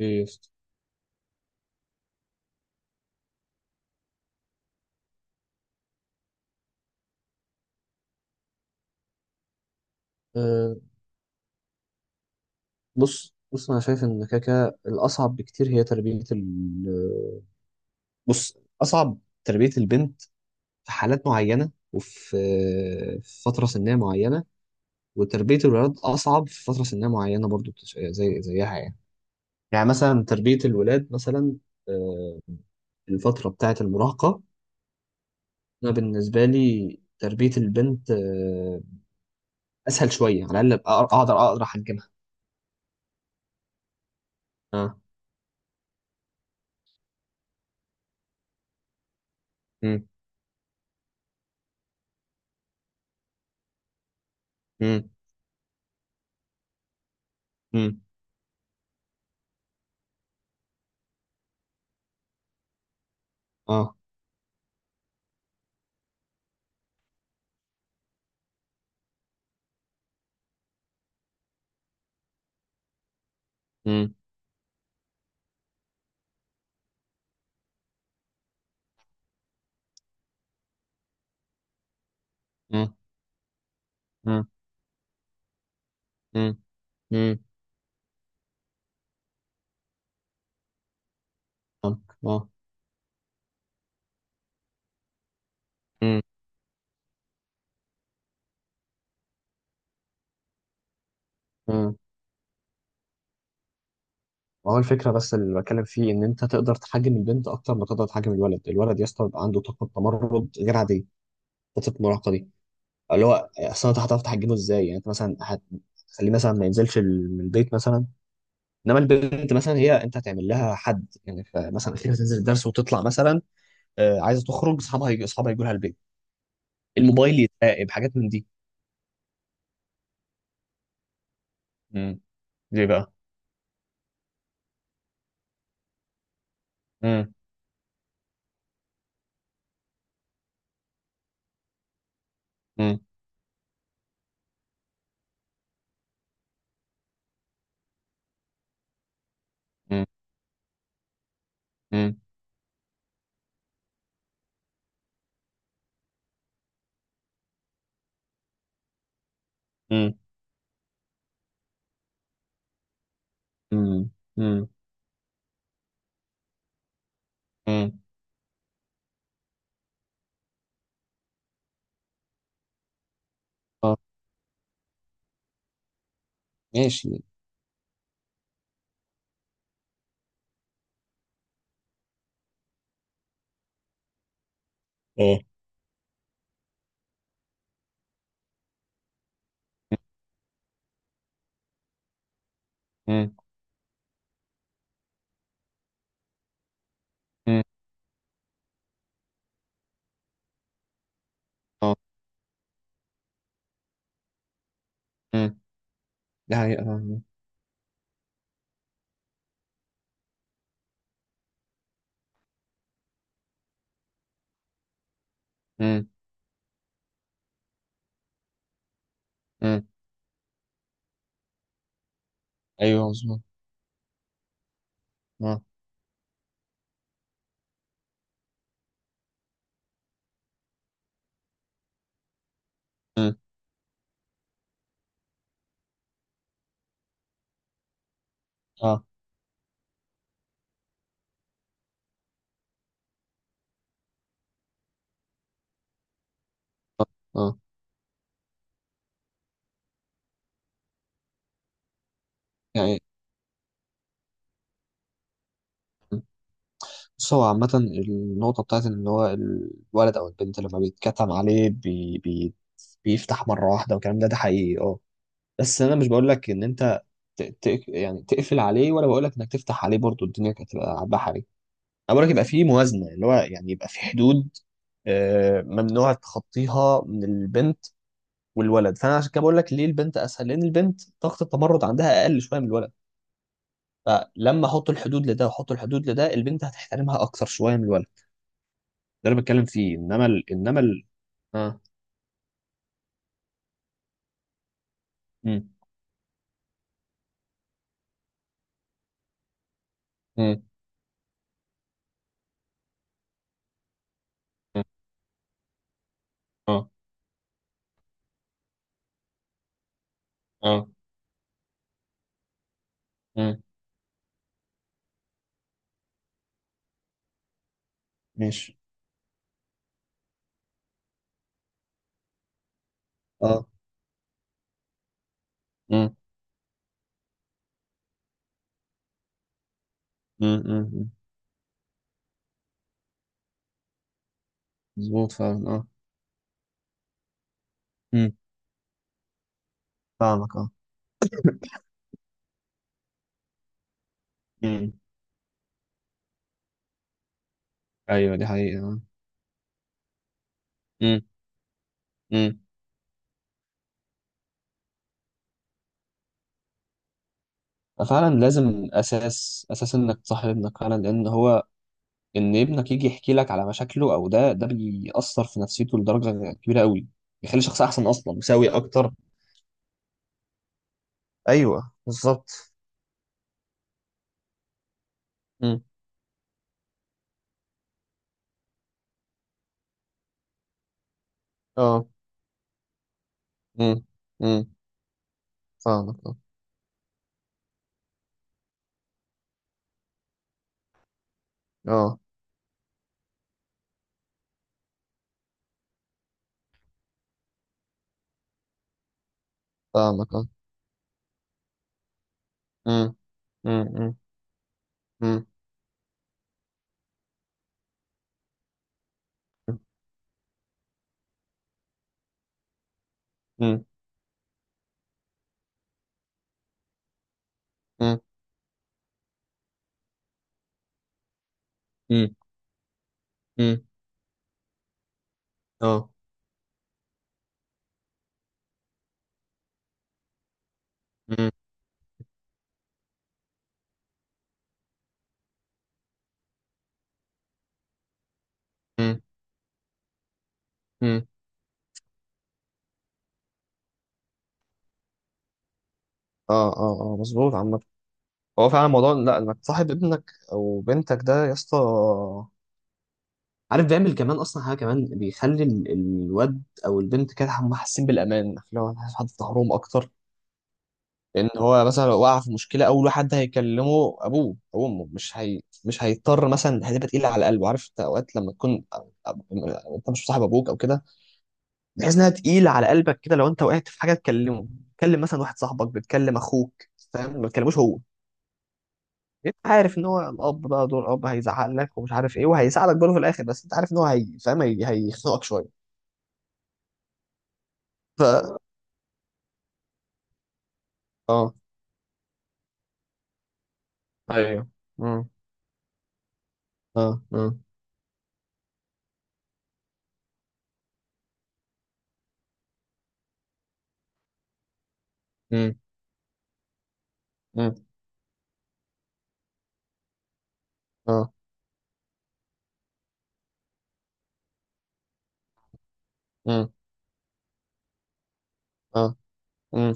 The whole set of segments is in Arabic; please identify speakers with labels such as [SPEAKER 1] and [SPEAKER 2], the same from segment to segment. [SPEAKER 1] ايه يا اسطى؟ أه. بص بص، انا شايف ان كده كده الاصعب بكتير هي تربيه بص، اصعب تربيه البنت في حالات معينه، في فتره سنيه معينه، وتربيه الولاد اصعب في فتره سنيه معينه برضو، زيها يعني. يعني مثلا تربيه الولاد مثلا، أه الفتره بتاعه المراهقه. انا بالنسبه لي تربيه البنت اسهل شويه، على الاقل أقدر أحجمها. اه. امم. امم. اه. امم. مم. مم. فاهمك. اه. مم. مم. هو الفكره بس اللي بتكلم فيه، ان انت تقدر تحجم البنت اكتر ما تقدر تحجم الولد، الولد يا اسطى بيبقى عنده طاقه تمرد غير عاديه، فتره المراهقه دي، اللي هو اصل انت هتعرف تحجمه ازاي؟ يعني انت مثلا هتخليه مثلا ما ينزلش من البيت مثلا، انما البنت مثلا هي انت هتعمل لها حد، يعني مثلا اخيرا تنزل الدرس وتطلع مثلا، آه، عايزه تخرج اصحابها، اصحابها يجوا لها البيت، الموبايل يتراقب، حاجات من دي. مم. ليه بقى؟ مم. مم. مم. مم. مم. مم. مم. اه. ماشي. اه. مم. مم. اه. مم. ده حقيقة. مم. مم. مم. ايوه مظبوط. اه. مم. اه. اه. آه. يعني. مم. بص، هو عامة النقطة بتاعت إن هو الولد أو البنت لما بيتكتم عليه بي بي بيفتح مرة واحدة، والكلام ده حقيقي. اه. بس أنا مش بقول لك إن أنت يعني تقفل عليه، ولا بقول لك إنك تفتح عليه برضو، الدنيا كانت هتبقى بحري. انا بقولك يبقى في موازنه، اللي هو يعني يبقى في حدود، آه، ممنوع تخطيها من البنت والولد. فانا عشان كده بقول لك ليه البنت اسهل، لان البنت طاقه التمرد عندها اقل شويه من الولد، فلما احط الحدود لده واحط الحدود لده البنت هتحترمها اكثر شويه من الولد. ده اللي بتكلم فيه. انما ال... انما ال... اه. امم. امم. اه. اه. امم. ماشي. اه. امم. امم. امم. مظبوط فعلا. اه. امم. فاهمك. اه. امم. ايوه دي حقيقه. امم. فعلا لازم اساس اساس انك تصاحب ابنك، فعلا لان هو، ان ابنك يجي يحكي لك على مشاكله او ده بيأثر في نفسيته لدرجه كبيره قوي، بيخلي شخص احسن، اصلا مساوي اكتر. ايوه بالظبط. امم. اه. امم. امم. فاهمك. اه. اه. فاهمك. اه. امم. امم. امم. امم. امم. امم. امم. اه. امم. امم. امم. اه. اه. اه مظبوط. عامة هو فعلا موضوع، لا انك تصاحب ابنك او بنتك ده يا اسطى، عارف بيعمل كمان اصلا حاجه، كمان بيخلي الواد او البنت كده هم حاسين بالامان، اللي هو عارف حد في ظهرهم اكتر. لان هو مثلا لو وقع في مشكله، اول حد هيكلمه ابوه او امه، مش هي، مش هيضطر مثلا هتبقى تقيله على قلبه. عارف انت اوقات لما تكون أ- انت مش صاحب ابوك او كده، بتحس انها تقيله على قلبك كده، لو انت وقعت في حاجه تكلمه، تكلم مثلا واحد صاحبك، بتكلم اخوك، فاهم، ما تكلموش هو. انت عارف ان هو الاب بقى، دور الاب هيزعق لك ومش عارف ايه، وهيساعدك برضه في الاخر، بس انت عارف ان هو، هيخنقك شويه. اه. ايوه. مم. اه. مم. مم. مم. اه. مم. اه. مم.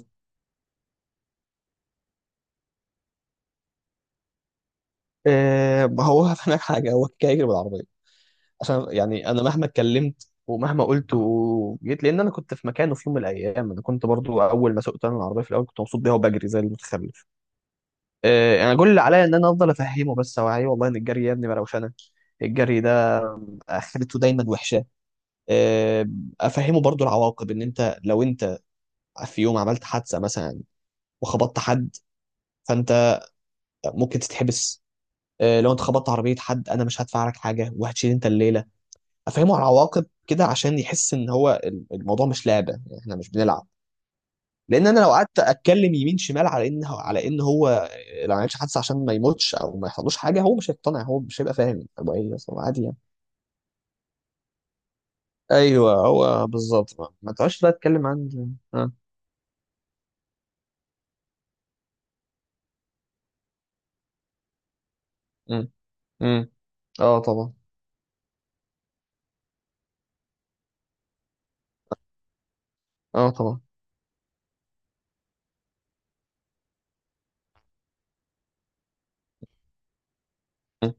[SPEAKER 1] آه، ما هو هفهمك حاجه، هو كده يجري بالعربيه عشان، يعني انا مهما اتكلمت ومهما قلت وجيت، لان انا كنت في مكانه في يوم من الايام، انا كنت برضو اول ما سوقت انا العربيه في الاول كنت مبسوط بيها وبجري زي المتخلف. آه، انا كل اللي عليا ان انا افضل افهمه، بس اوعيه والله ان الجري يا ابني مروشنه، الجري ده اخرته دايما وحشه. آه، افهمه برضو العواقب، ان انت لو انت في يوم عملت حادثه مثلا وخبطت حد، فانت ممكن تتحبس. آه، لو انت خبطت عربيه حد انا مش هدفع لك حاجه، وهتشيل انت الليله. افهمه على العواقب كده عشان يحس ان هو الموضوع مش لعبه، يعني احنا مش بنلعب. لان انا لو قعدت اتكلم يمين شمال على ان هو آه، لو ما عملش حادثه عشان ما يموتش او ما يحصلوش حاجه، هو مش هيقتنع، هو مش هيبقى فاهم هو ايه، بس هو عادي يعني. ايوه هو بالظبط. ما تقعدش بقى تتكلم عن. اه. امم. امم. اه طبعا. اه طبعا. مم.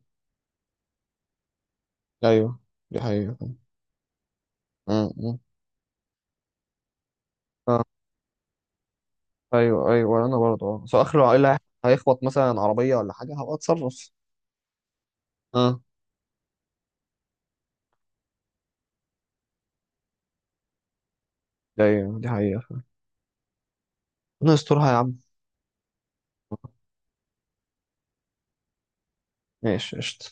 [SPEAKER 1] ايوه دي حقيقة. مم. مم. اه. ايوه ايوه انا برضه اه، بس اخر هيخبط مثلا عربيه ولا حاجه، هبقى اتصرف. اه. ايوه دي حقيقه. انا استرها يا عم. ماشي قشطه.